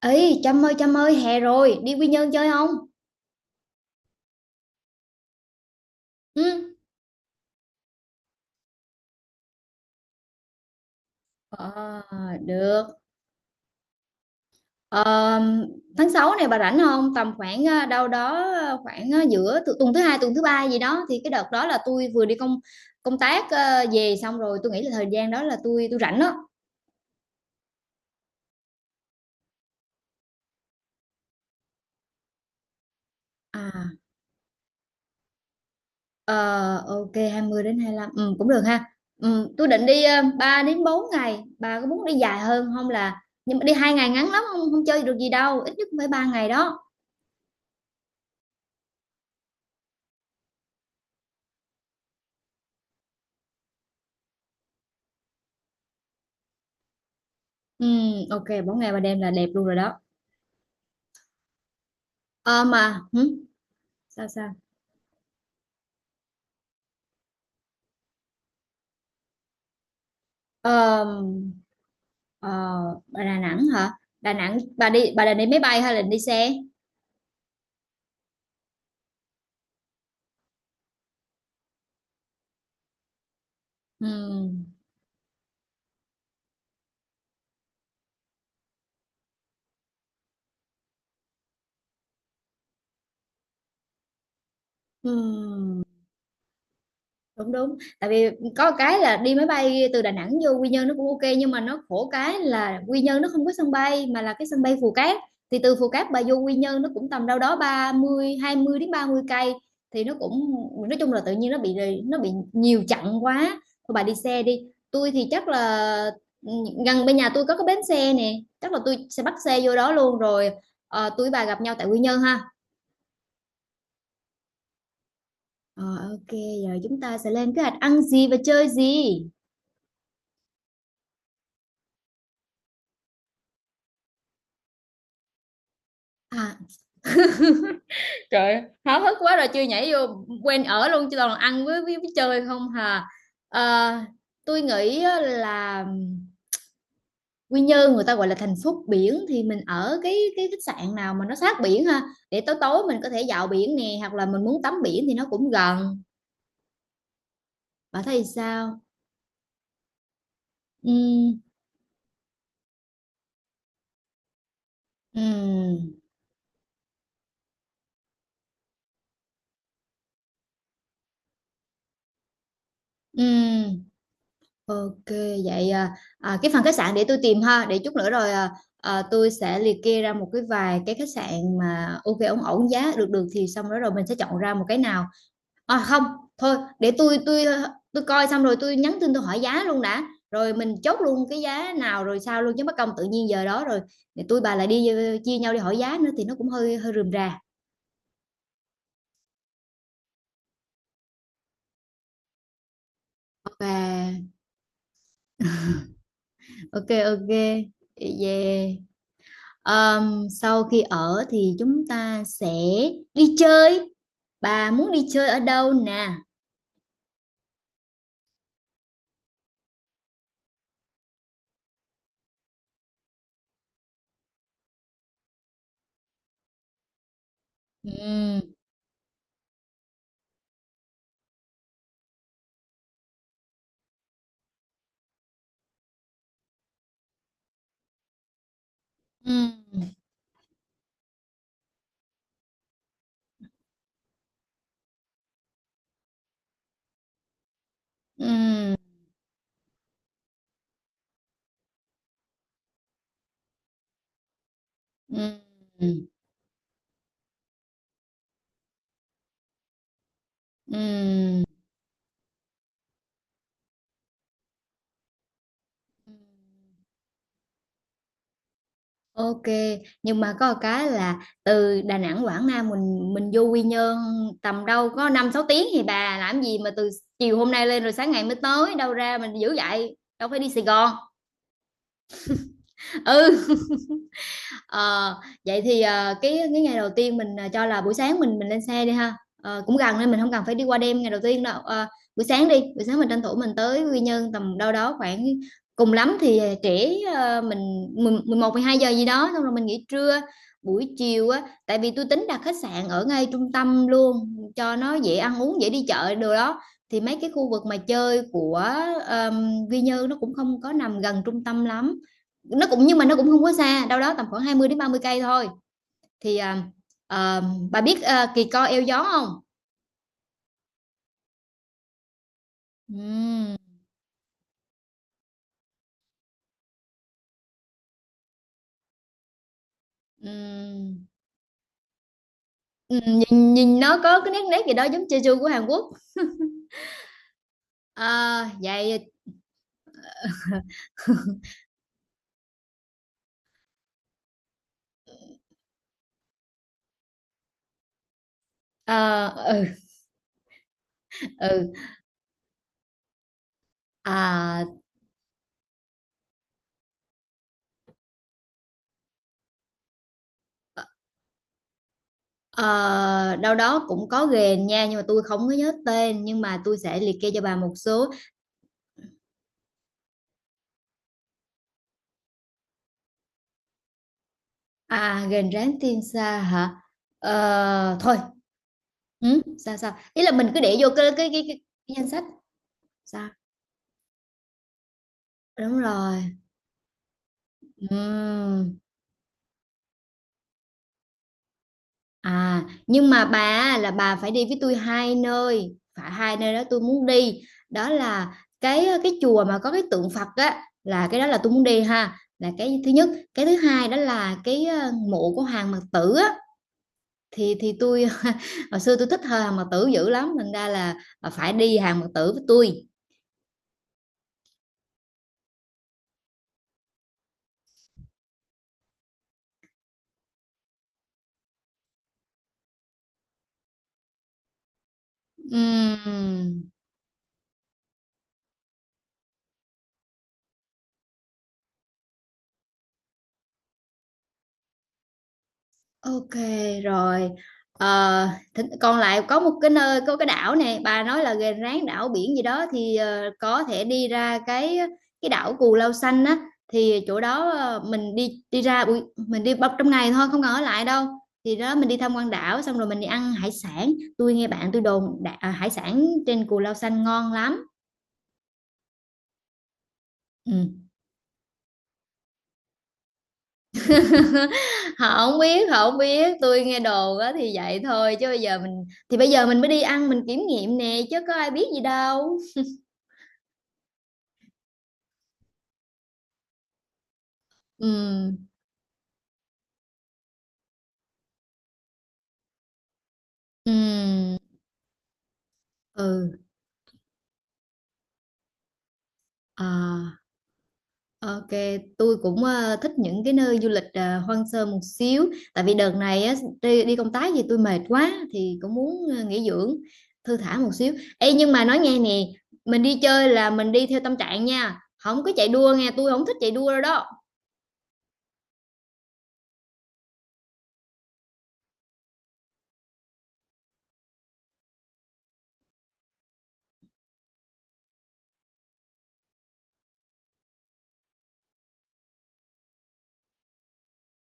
Ấy Trâm ơi Trâm ơi, hè rồi đi Quy Nhơn chơi không? Ừ. Ờ, được. Ờ, tháng 6 này bà rảnh không? Tầm khoảng đâu đó, khoảng, giữa tuần thứ hai, tuần thứ ba gì đó. Thì cái đợt đó là tôi vừa đi công công tác về xong, rồi tôi nghĩ là thời gian đó là tôi rảnh đó. À, ờ, ok, 20 đến 25, ừ, cũng được ha. Ừ, tôi định đi 3 đến 4 ngày. Bà có muốn đi dài hơn không? Là nhưng mà đi hai ngày ngắn lắm, không không chơi được gì đâu, ít nhất cũng phải ba ngày đó. Ok, 4 ngày 3 đêm là đẹp luôn rồi đó. Ờ mà, hử? Sao sao? Ờ, ờ, Bà Đà Nẵng hả? Đà Nẵng, bà đi, bà định đi máy bay hay là đi xe? Ừm, ừm. Đúng, đúng. Tại vì có một cái là đi máy bay từ Đà Nẵng vô Quy Nhơn nó cũng ok, nhưng mà nó khổ cái là Quy Nhơn nó không có sân bay, mà là cái sân bay Phù Cát. Thì từ Phù Cát bà vô Quy Nhơn nó cũng tầm đâu đó 30, 20 đến 30 cây, thì nó cũng nói chung là tự nhiên nó bị nhiều chặng quá. Thôi bà đi xe đi, tôi thì chắc là, ừ, gần bên nhà tôi có cái bến xe nè, chắc là tôi sẽ bắt xe vô đó luôn rồi, tui với bà gặp nhau tại Quy Nhơn ha. Ờ, ô Giờ chúng ta sẽ lên kế hoạch ăn gì và chơi gì? À. Trời ơi, háo hức quá rồi chưa nhảy vô quen ở luôn, chứ toàn là ăn với chơi không hà. Ờ, tôi nghĩ á là Quy Nhơn người ta gọi là thành phố biển, thì mình ở cái khách sạn nào mà nó sát biển ha, để tối tối mình có thể dạo biển nè, hoặc là mình muốn tắm biển thì nó cũng gần. Bà thấy sao? Ừ, ừ, ừ. OK, vậy cái phần khách sạn để tôi tìm ha, để chút nữa rồi, tôi sẽ liệt kê ra một cái vài cái khách sạn mà ok ổn ổn giá được được, thì xong rồi rồi mình sẽ chọn ra một cái nào. À không, thôi để tôi coi xong rồi tôi nhắn tin, tôi hỏi giá luôn đã. Rồi mình chốt luôn cái giá nào rồi sao luôn, chứ mất công tự nhiên giờ đó rồi để tôi bà lại đi chia nhau đi hỏi giá nữa thì nó cũng hơi hơi rườm rà. Ok, ok ok. Yeah. Sau khi ở thì chúng ta sẽ đi chơi. Bà muốn đi chơi ở đâu nè? Ừm, ừm, ừm, ừm, ừm. Ok, nhưng mà có một cái là từ Đà Nẵng, Quảng Nam mình vô Quy Nhơn tầm đâu có 5 6 tiếng, thì bà làm gì mà từ chiều hôm nay lên rồi sáng ngày mới tới, đâu ra mình dữ vậy? Đâu phải đi Sài Gòn. Ừ. Ờ, Vậy thì, cái ngày đầu tiên mình, cho là buổi sáng mình lên xe đi ha, cũng gần nên mình không cần phải đi qua đêm ngày đầu tiên đâu, buổi sáng đi, buổi sáng mình tranh thủ mình tới Quy Nhơn tầm đâu đó khoảng, cùng lắm thì, trễ, mình 11 12 giờ gì đó, xong rồi mình nghỉ trưa. Buổi chiều á, tại vì tôi tính đặt khách sạn ở ngay trung tâm luôn cho nó dễ ăn uống, dễ đi chợ đồ đó, thì mấy cái khu vực mà chơi của, Quy Nhơn nó cũng không có nằm gần trung tâm lắm, nó cũng nhưng mà nó cũng không quá xa, đâu đó tầm khoảng 20 đến 30 cây thôi, thì à, bà biết kỳ co eo gió không? Ừm, ừm, nhìn nó có cái nét nét gì đó giống Jeju của Hàn Quốc. À, vậy à, ừ, ừ, à, ờ, đâu đó cũng có ghềnh nha, nhưng mà tôi không có nhớ tên, nhưng mà tôi sẽ liệt kê cho bà một số. À, ghềnh rán tiên sa hả? Thôi, ừ, sao sao, ý là mình cứ để vô cái danh sách, sao? Đúng rồi. Ừm. À, nhưng mà bà á, là bà phải đi với tôi hai nơi, phải hai nơi đó tôi muốn đi. Đó là cái chùa mà có cái tượng Phật á, là cái đó là tôi muốn đi ha, là cái thứ nhất. Cái thứ hai đó là cái, mộ của Hàng Mặc Tử á, thì tôi hồi xưa tôi thích thờ Hàng Mặc Tử dữ lắm, thành ra là phải đi Hàng Mặc Tử với tôi. Ừm. OK rồi. Ờ, Còn lại có một cái nơi, có cái đảo này bà nói là gần ráng đảo biển gì đó, thì có thể đi ra cái đảo Cù Lao Xanh á, thì chỗ đó mình đi đi ra buổi mình đi bọc trong ngày thôi, không cần ở lại đâu. Thì đó mình đi tham quan đảo xong rồi mình đi ăn hải sản. Tôi nghe bạn tôi đồn hải sản trên Cù Lao Xanh ngon lắm. Ừ. Họ không biết, tôi nghe đồn á thì vậy thôi chứ bây giờ mình thì bây giờ mình mới đi ăn mình kiểm nghiệm nè, chứ có ai biết gì đâu. Ừm, ừm, ừ, à, OK, tui cũng, thích những cái nơi du lịch, hoang sơ một xíu, tại vì đợt này á, đi đi công tác gì tôi mệt quá thì cũng muốn, nghỉ dưỡng, thư thả một xíu. Ê, nhưng mà nói nghe nè, mình đi chơi là mình đi theo tâm trạng nha, không có chạy đua nghe, tôi không thích chạy đua đâu đó.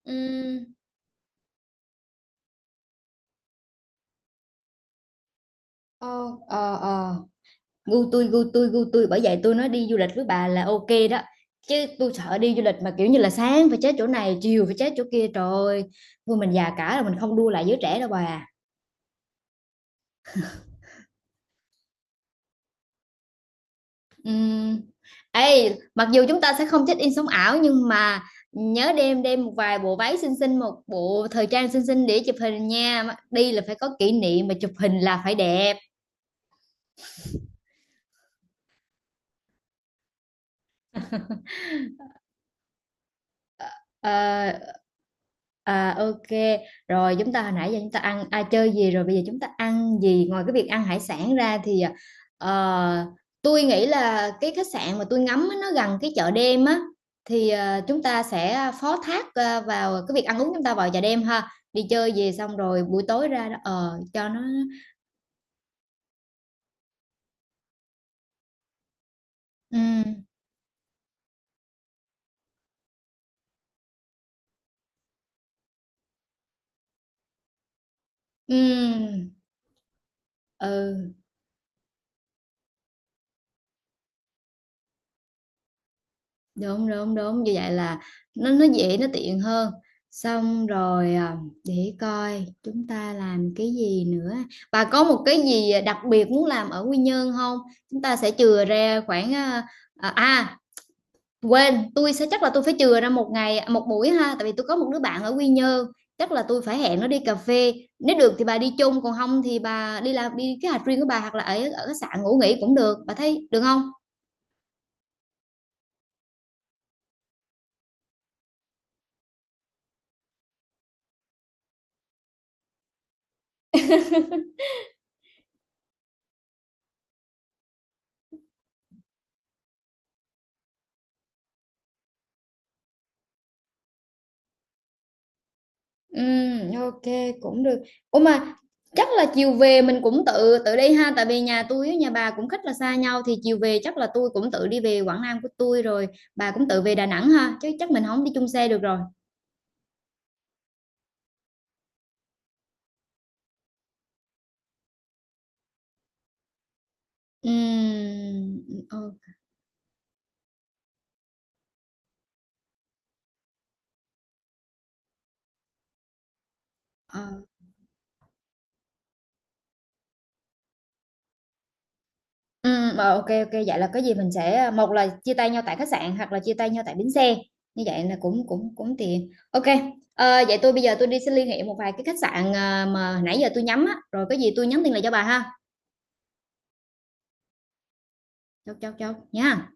Ừm. Ờ, ờ, ờ. Gu tôi gu tôi gu tôi bởi vậy tôi nói đi du lịch với bà là ok đó, chứ tôi sợ đi du lịch mà kiểu như là sáng phải chết chỗ này chiều phải chết chỗ kia, trời ơi, thôi mình già cả rồi mình không đua lại giới trẻ đâu bà à. Ừm. Ê, mặc dù chúng ta sẽ không check in sống ảo, nhưng mà nhớ đem đem một vài bộ váy xinh xinh, một bộ thời trang xinh xinh để chụp hình nha, đi là phải có kỷ niệm mà chụp hình là phải đẹp. Ờ, ok rồi, chúng ta hồi nãy giờ chúng ta ăn, chơi gì rồi, bây giờ chúng ta ăn gì ngoài cái việc ăn hải sản ra? Thì ờ, tôi nghĩ là cái khách sạn mà tôi ngắm á, nó gần cái chợ đêm á, thì chúng ta sẽ phó thác vào cái việc ăn uống, chúng ta vào chợ đêm ha, đi chơi về xong rồi buổi tối ra đó cho nó. Ừ, ừ, ừ. Đúng, đúng, đúng, như vậy là nó dễ, nó tiện hơn. Xong rồi, để coi chúng ta làm cái gì nữa. Bà có một cái gì đặc biệt muốn làm ở Quy Nhơn không? Chúng ta sẽ chừa ra khoảng, à, à, quên, tôi sẽ chắc là tôi phải chừa ra một ngày một buổi ha, tại vì tôi có một đứa bạn ở Quy Nhơn, chắc là tôi phải hẹn nó đi cà phê. Nếu được thì bà đi chung, còn không thì bà đi làm đi cái hành riêng của bà hoặc là ở ở khách sạn ngủ nghỉ cũng được. Bà thấy được không? Ok, cũng được. Ủa, mà chắc là chiều về mình cũng tự tự đi ha, tại vì nhà tôi với nhà bà cũng khích là xa nhau, thì chiều về chắc là tôi cũng tự đi về Quảng Nam của tôi rồi, bà cũng tự về Đà Nẵng ha, chứ chắc mình không đi chung xe được rồi. Ừm, ừ, ờ, ờ, ô kê, vậy là có gì mình sẽ một là chia tay nhau tại khách sạn hoặc là chia tay nhau tại bến xe, như vậy là cũng cũng cũng tiện. Ok, vậy tôi bây giờ tôi đi sẽ liên hệ một vài cái khách sạn, mà nãy giờ tôi nhắm á, rồi có gì tôi nhắn tin lại cho bà ha. Chốt, chốt, chốt nha.